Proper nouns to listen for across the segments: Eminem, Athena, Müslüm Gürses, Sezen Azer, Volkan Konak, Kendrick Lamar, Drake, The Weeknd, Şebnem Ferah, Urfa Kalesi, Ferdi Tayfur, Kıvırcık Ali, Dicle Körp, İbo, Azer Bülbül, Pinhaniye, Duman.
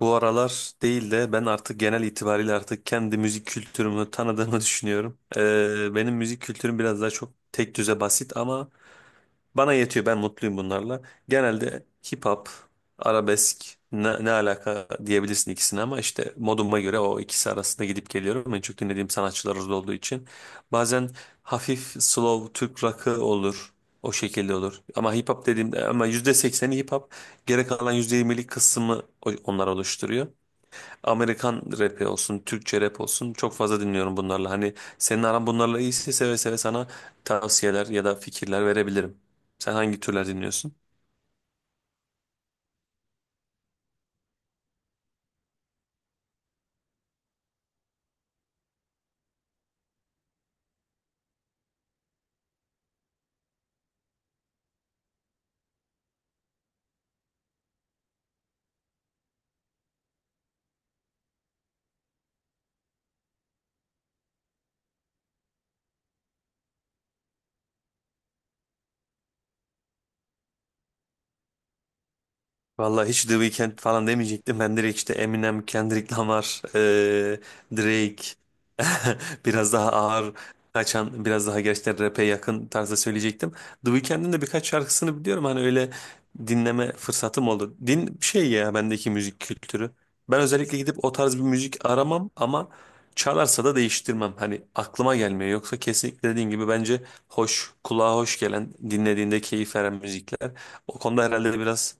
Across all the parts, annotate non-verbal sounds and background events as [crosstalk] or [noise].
Bu aralar değil de ben artık genel itibariyle artık kendi müzik kültürümü tanıdığımı [laughs] düşünüyorum. Benim müzik kültürüm biraz daha çok tek düze basit ama bana yetiyor. Ben mutluyum bunlarla. Genelde hip hop, arabesk ne, ne alaka diyebilirsin ikisine ama işte moduma göre o ikisi arasında gidip geliyorum. En çok dinlediğim sanatçılar orada olduğu için. Bazen hafif slow Türk rock'ı olur. O şekilde olur. Ama hip hop dediğimde ama yüzde sekseni hip hop. Geri kalan %20'lik kısmı onlar oluşturuyor. Amerikan rapi olsun, Türkçe rap olsun çok fazla dinliyorum bunlarla. Hani senin aran bunlarla iyiyse seve seve sana tavsiyeler ya da fikirler verebilirim. Sen hangi türler dinliyorsun? Vallahi hiç The Weeknd falan demeyecektim. Ben direkt işte Eminem, Kendrick Lamar, Drake [laughs] biraz daha ağır kaçan, biraz daha gerçekten rap'e yakın tarzda söyleyecektim. The Weeknd'in de birkaç şarkısını biliyorum. Hani öyle dinleme fırsatım oldu. Şey ya bendeki müzik kültürü. Ben özellikle gidip o tarz bir müzik aramam ama çalarsa da değiştirmem. Hani aklıma gelmiyor. Yoksa kesinlikle dediğin gibi bence hoş, kulağa hoş gelen, dinlediğinde keyif veren müzikler. O konuda herhalde biraz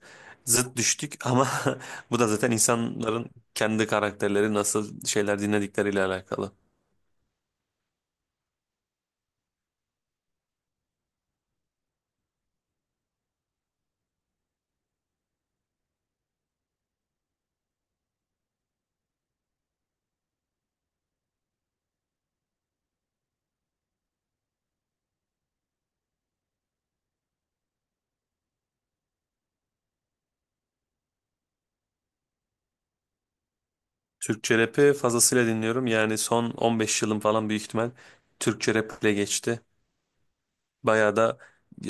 zıt düştük ama [laughs] bu da zaten insanların kendi karakterleri nasıl şeyler dinledikleriyle alakalı. Türkçe rap'i fazlasıyla dinliyorum. Yani son 15 yılım falan büyük ihtimal Türkçe rap'le geçti. Bayağı da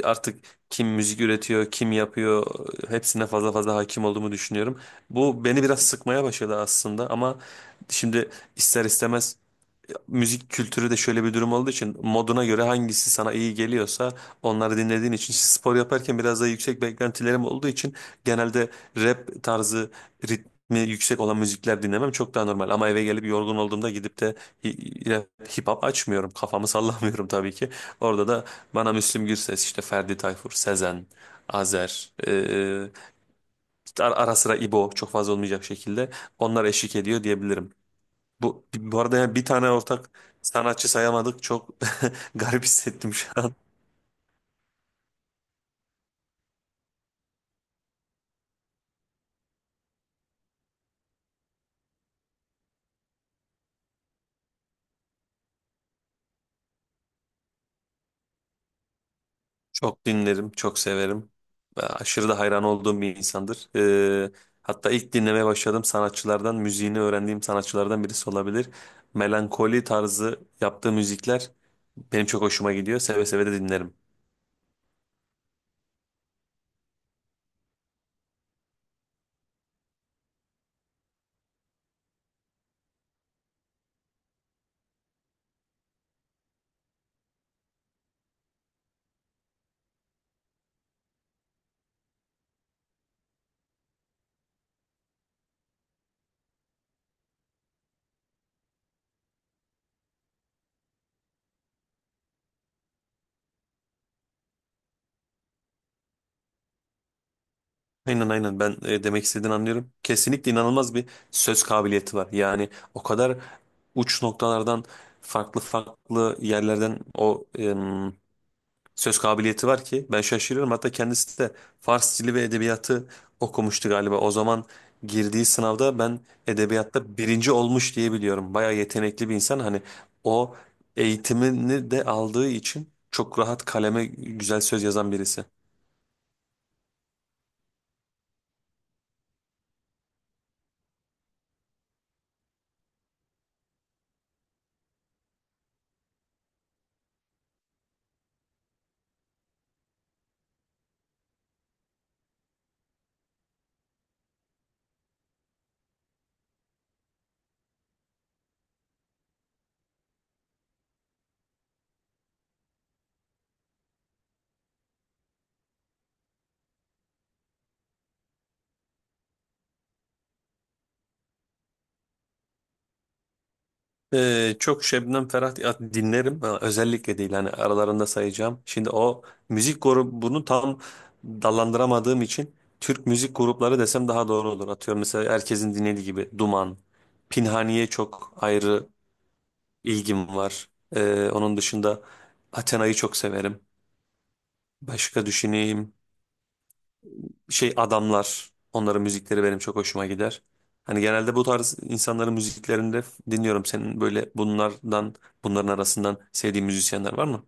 artık kim müzik üretiyor, kim yapıyor, hepsine fazla fazla hakim olduğumu düşünüyorum. Bu beni biraz sıkmaya başladı aslında ama şimdi ister istemez müzik kültürü de şöyle bir durum olduğu için moduna göre hangisi sana iyi geliyorsa onları dinlediğin için işte spor yaparken biraz daha yüksek beklentilerim olduğu için genelde rap tarzı ritmi yüksek olan müzikler dinlemem çok daha normal ama eve gelip yorgun olduğumda gidip de rap, hip hop açmıyorum, kafamı [laughs] sallamıyorum tabii ki. Orada da bana Müslüm Gürses, işte Ferdi Tayfur, Sezen, Azer, işte ara sıra İbo, çok fazla olmayacak şekilde onlar eşlik ediyor diyebilirim. Bu arada yani bir tane ortak sanatçı sayamadık. Çok [laughs] garip hissettim şu an. Çok dinlerim, çok severim. Ve aşırı da hayran olduğum bir insandır. Hatta ilk dinlemeye başladığım sanatçılardan, müziğini öğrendiğim sanatçılardan birisi olabilir. Melankoli tarzı yaptığı müzikler benim çok hoşuma gidiyor. Seve seve de dinlerim. Aynen aynen, ben demek istediğini anlıyorum. Kesinlikle inanılmaz bir söz kabiliyeti var. Yani o kadar uç noktalardan, farklı farklı yerlerden o söz kabiliyeti var ki ben şaşırıyorum. Hatta kendisi de Fars dili ve edebiyatı okumuştu galiba. O zaman girdiği sınavda ben edebiyatta birinci olmuş diye biliyorum. Bayağı yetenekli bir insan. Hani o eğitimini de aldığı için çok rahat kaleme güzel söz yazan birisi. Çok Şebnem Ferah dinlerim. Ha, özellikle değil hani aralarında sayacağım. Şimdi o müzik grubunu tam dallandıramadığım için Türk müzik grupları desem daha doğru olur. Atıyorum mesela herkesin dinlediği gibi Duman, Pinhaniye çok ayrı ilgim var. Onun dışında Athena'yı çok severim. Başka düşüneyim. Şey adamlar. Onların müzikleri benim çok hoşuma gider. Hani genelde bu tarz insanların müziklerini dinliyorum. Senin böyle bunlardan, bunların arasından sevdiğin müzisyenler var mı?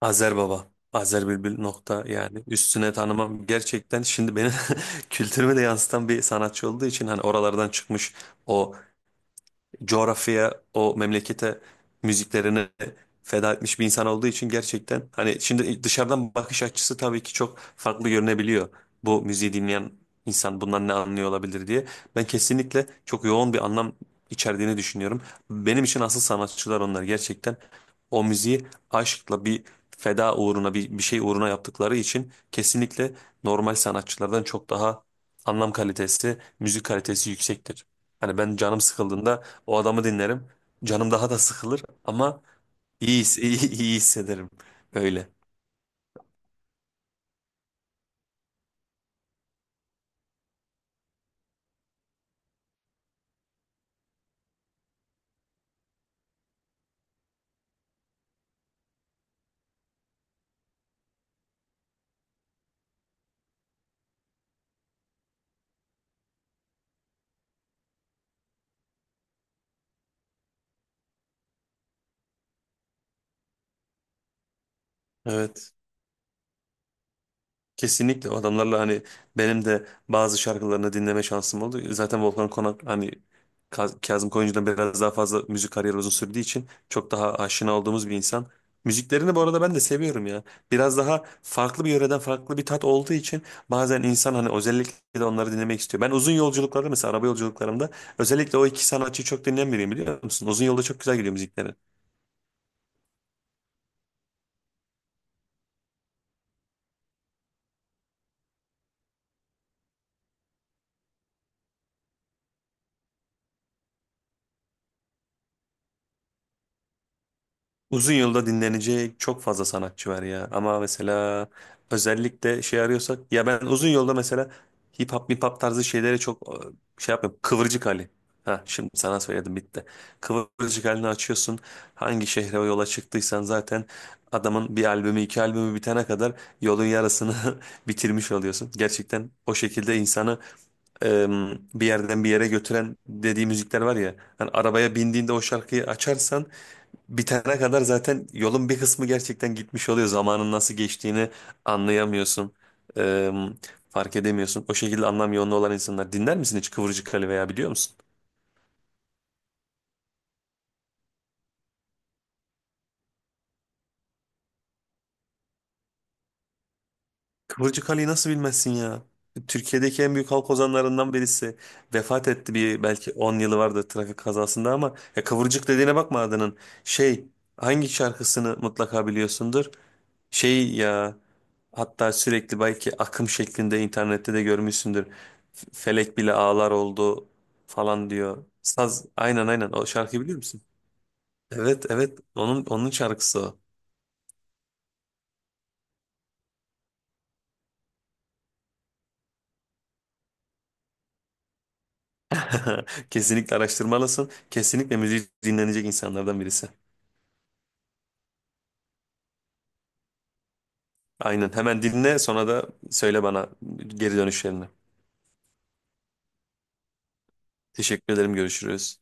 Azer Baba. Azer Bülbül nokta yani üstüne tanımam gerçekten, şimdi beni [laughs] kültürüme de yansıtan bir sanatçı olduğu için hani oralardan çıkmış o coğrafyaya, o memlekete müziklerini feda etmiş bir insan olduğu için gerçekten, hani şimdi dışarıdan bakış açısı tabii ki çok farklı görünebiliyor. Bu müziği dinleyen insan bundan ne anlıyor olabilir diye. Ben kesinlikle çok yoğun bir anlam içerdiğini düşünüyorum. Benim için asıl sanatçılar onlar gerçekten. O müziği aşkla, bir feda uğruna, bir şey uğruna yaptıkları için kesinlikle normal sanatçılardan çok daha anlam kalitesi, müzik kalitesi yüksektir. Hani ben canım sıkıldığında o adamı dinlerim. Canım daha da sıkılır ama [laughs] iyi hissederim. Öyle. Evet. Kesinlikle o adamlarla hani benim de bazı şarkılarını dinleme şansım oldu. Zaten Volkan Konak hani Kazım Koyuncu'dan biraz daha fazla müzik kariyeri uzun sürdüğü için çok daha aşina olduğumuz bir insan. Müziklerini bu arada ben de seviyorum ya. Biraz daha farklı bir yöreden farklı bir tat olduğu için bazen insan hani özellikle de onları dinlemek istiyor. Ben uzun yolculuklarda mesela araba yolculuklarımda özellikle o iki sanatçıyı çok dinleyen biriyim biliyor musun? Uzun yolda çok güzel gidiyor müzikleri. Uzun yılda dinlenecek çok fazla sanatçı var ya. Ama mesela özellikle şey arıyorsak, ya ben uzun yolda mesela hip hop tarzı şeylere çok şey yapmıyorum. Kıvırcık Ali. Ha şimdi sana söyledim bitti. Kıvırcık halini açıyorsun. Hangi şehre o yola çıktıysan zaten adamın bir albümü iki albümü bitene kadar yolun yarısını [laughs] bitirmiş oluyorsun. Gerçekten o şekilde insanı e, bir yerden bir yere götüren dediği müzikler var ya. Hani arabaya bindiğinde o şarkıyı açarsan bitene kadar zaten yolun bir kısmı gerçekten gitmiş oluyor. Zamanın nasıl geçtiğini anlayamıyorsun. Eee, Fark edemiyorsun. O şekilde anlam yoğunluğu olan insanlar. Dinler misin hiç Kıvırcık Ali veya biliyor musun? Kıvırcık Ali'yi nasıl bilmezsin ya? Türkiye'deki en büyük halk ozanlarından birisi. Vefat etti, bir belki 10 yılı vardı, trafik kazasında ama ya Kıvırcık dediğine bakma adının. Şey, hangi şarkısını mutlaka biliyorsundur? Şey ya, hatta sürekli belki akım şeklinde internette de görmüşsündür. Felek bile ağlar oldu falan diyor. Saz, aynen aynen, o şarkıyı biliyor musun? Evet evet, onun şarkısı o. [laughs] Kesinlikle araştırmalısın. Kesinlikle müziği dinlenecek insanlardan birisi. Aynen, hemen dinle sonra da söyle bana geri dönüşlerini. Teşekkür ederim, görüşürüz.